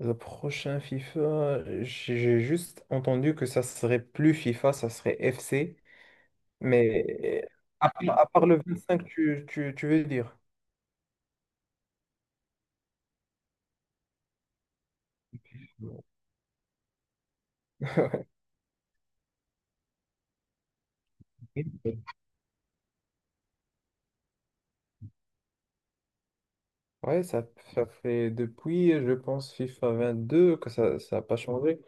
Le prochain FIFA, j'ai juste entendu que ça serait plus FIFA, ça serait FC. Mais à part le 25, tu veux dire? Ouais, ça, ça fait depuis, je pense, FIFA 22 que ça n'a pas changé.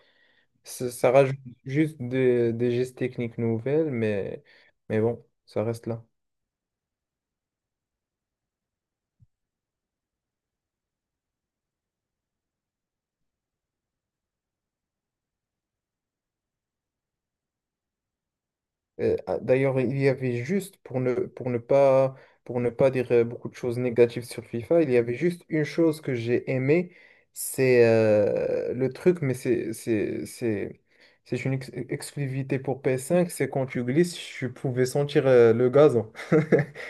Ça rajoute juste des gestes techniques nouvelles, mais bon, ça reste là. D'ailleurs, il y avait juste, pour ne pas dire beaucoup de choses négatives sur FIFA, il y avait juste une chose que j'ai aimée, c'est le truc, mais c'est une exclusivité pour PS5, c'est quand tu glisses, tu pouvais sentir le gazon.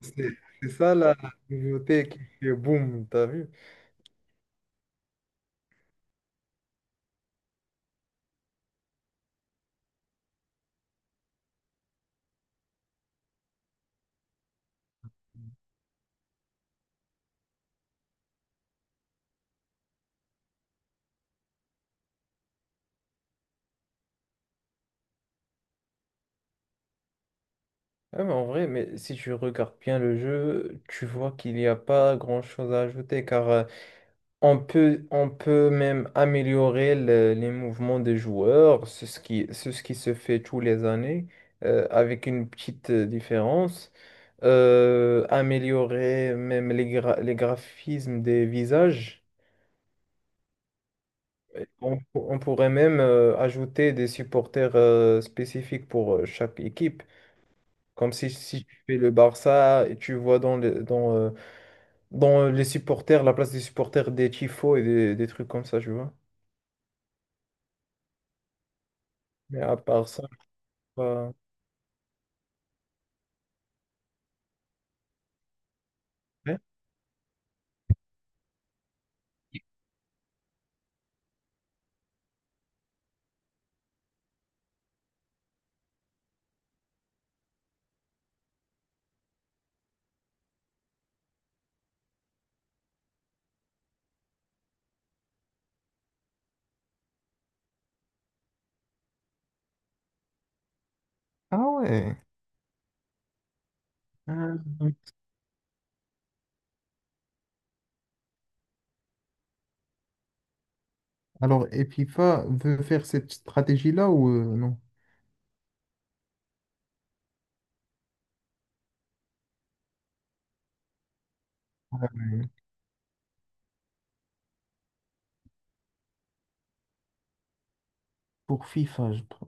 C'est c'est ça la nouveauté qui fait boum, t'as vu? Ouais, mais en vrai, mais si tu regardes bien le jeu, tu vois qu'il n'y a pas grand-chose à ajouter, car on peut, on peut même améliorer les mouvements des joueurs, c'est ce qui se fait tous les années, avec une petite différence. Améliorer même les graphismes des visages. Et on pourrait même ajouter des supporters spécifiques pour chaque équipe. Comme si tu fais le Barça et tu vois dans les supporters, la place des supporters des tifos et des trucs comme ça, tu vois. Mais à part ça, je sais pas. Ouais. Ah ouais. Euh, Alors, et FIFA veut faire cette stratégie-là ou non? euh, pour FIFA,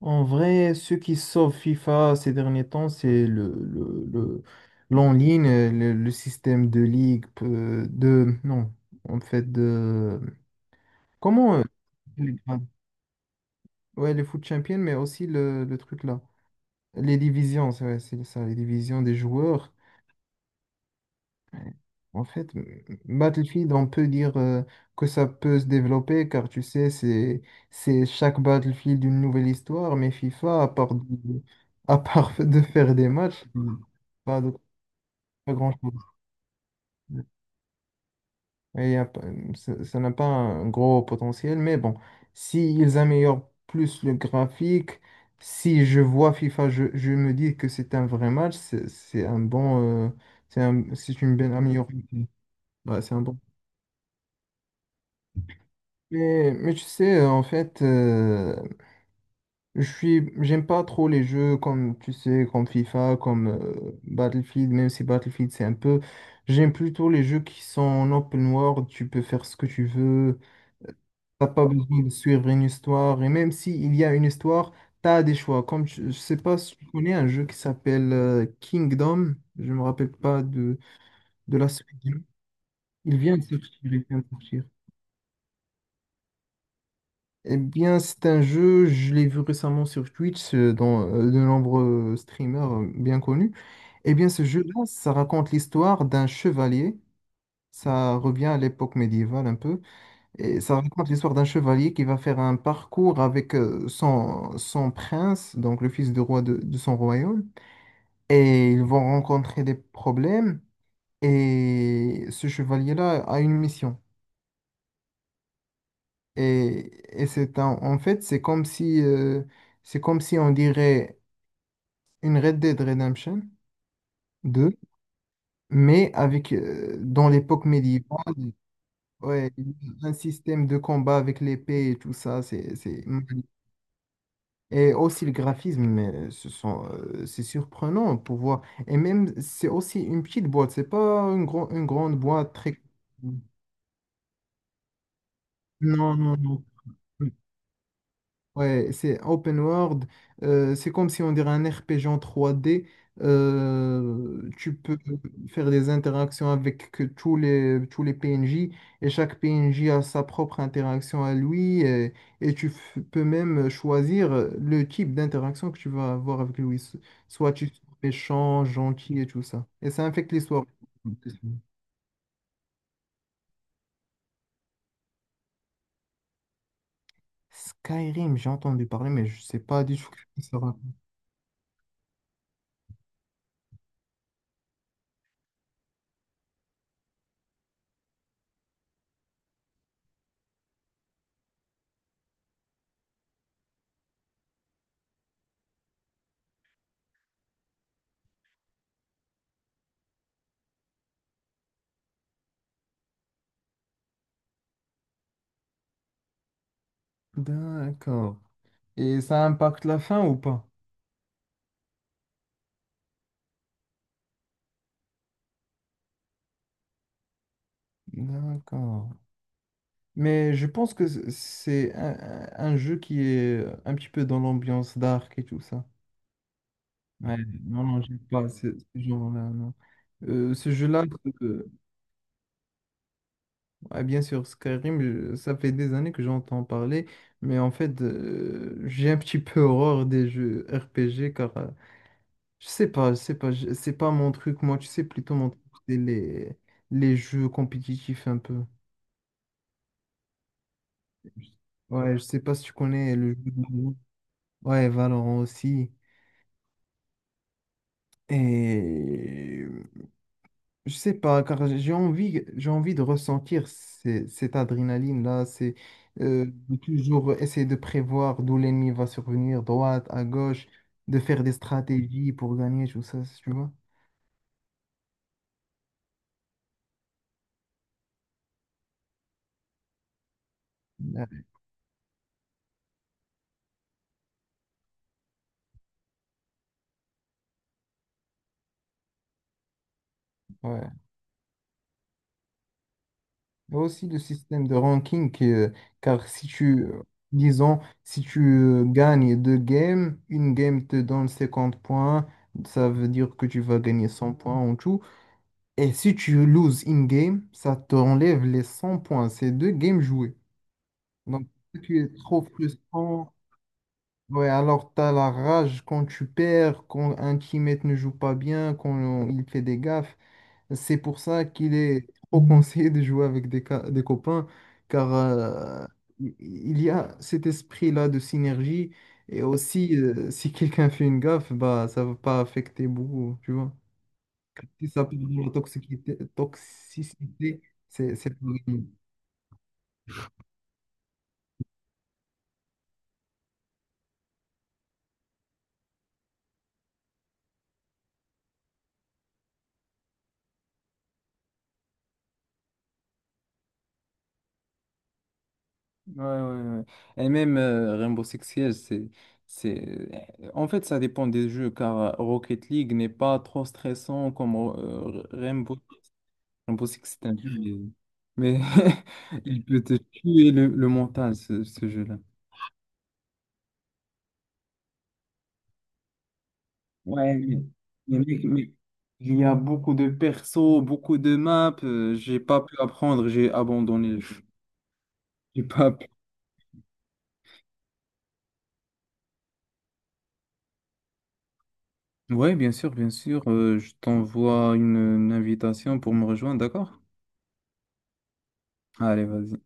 en vrai, ceux qui sauvent FIFA ces derniers temps, c'est l'en-ligne, le système de ligue, non, en fait, comment, euh, ouais, les foot champions, mais aussi le truc là, les divisions, c'est ça, les divisions des joueurs. Ouais. En fait, Battlefield, on peut dire que ça peut se développer car tu sais, c'est chaque Battlefield une nouvelle histoire, mais FIFA, à part de faire des matchs. Mm. pas de Pas grand-chose. Et y a pas- Ça ça n'a pas un gros potentiel, mais bon, s'ils améliorent plus le graphique, si je vois FIFA, je me dis que c'est un vrai match, c'est un bon, c'est une bonne amélioration. Ouais, c'est un bon. Mais tu sais, en fait, j'aime pas trop les jeux comme, tu sais, comme FIFA, comme Battlefield, même si Battlefield c'est un peu. J'aime plutôt les jeux qui sont en open world, tu peux faire ce que tu veux, t'as pas besoin de suivre une histoire, et même s'il y a une histoire, t'as des choix. Comme, je sais pas si tu connais un jeu qui s'appelle Kingdom, je me rappelle pas de, de la suite. Il vient de sortir, il vient de sortir. Eh bien, c'est un jeu, je l'ai vu récemment sur Twitch, dans de nombreux streamers bien connus. Eh bien, ce jeu-là, ça raconte l'histoire d'un chevalier. Ça revient à l'époque médiévale un peu. Et ça raconte l'histoire d'un chevalier qui va faire un parcours avec son prince, donc le fils du roi de son royaume. Et ils vont rencontrer des problèmes. Et ce chevalier-là a une mission. En fait, c'est comme si on dirait une Red Dead Redemption deux mais avec, dans l'époque médiévale, ouais, un système de combat avec l'épée et tout ça, c'est... magnifique. Et aussi le graphisme, mais c'est surprenant pour voir. Et même, c'est aussi une petite boîte, c'est pas une grande boîte très... Non, non, non. Ouais, c'est open world. C'est comme si on dirait un RPG en 3D. Tu peux faire des interactions avec que tous les PNJ et chaque PNJ a sa propre interaction à lui et, peux même choisir le type d'interaction que tu vas avoir avec lui. Soit tu es méchant, gentil et tout ça. Et ça affecte l'histoire. Skyrim, j'ai entendu parler, mais je sais pas du tout ce que ça raconte. D'accord. Et ça impacte la fin ou pas? D'accord. Mais je pense que c'est un, un jeu qui est un petit peu dans l'ambiance dark et tout ça. Ouais, non, non, j'aime pas ce, ce genre-là, non. Ce jeu-là, euh, ouais, bien sûr, Skyrim, ça fait des années que j'entends parler, mais en fait, j'ai un petit peu horreur des jeux RPG car je sais pas, c'est pas mon truc. Moi, tu sais, plutôt mon truc, c'est les jeux compétitifs un peu. Ouais, je sais pas si tu connais le jeu de... Valorant. Ouais, Valorant aussi. Et je sais pas, car j'ai envie de ressentir cette adrénaline-là, c'est de toujours essayer de prévoir d'où l'ennemi va survenir, droite, à gauche, de faire des stratégies pour gagner, tout ça, tu vois. Ouais. Ouais. Et aussi le système de ranking, car si tu, disons, si tu gagnes deux games, une game te donne 50 points, ça veut dire que tu vas gagner 100 points en tout. Et si tu loses in-game, ça t'enlève les 100 points. C'est 2 games joués. Donc, si tu es trop frustrant. Ouais, alors tu as la rage quand tu perds, quand un teammate ne joue pas bien, quand il fait des gaffes. C'est pour ça qu'il est trop conseillé de jouer avec des copains, car il y a cet esprit-là de synergie. Et aussi, si quelqu'un fait une gaffe, bah, ça va pas affecter beaucoup, tu vois qui s'appelle la toxicité, toxicité, c'est pas gagné. Ouais, ouais, ouais. Et même Rainbow Six Siege, c'est... En fait, ça dépend des jeux, car Rocket League n'est pas trop stressant comme Rainbow... Rainbow Six, c'est un jeu, mais il peut te tuer le mental, ce jeu-là. Ouais, mais mec, mais il y a beaucoup de persos, beaucoup de maps, j'ai pas pu apprendre, j'ai abandonné le jeu. J'ai pas ouais, bien sûr, bien sûr. Je t'envoie une invitation pour me rejoindre, d'accord? Allez, vas-y.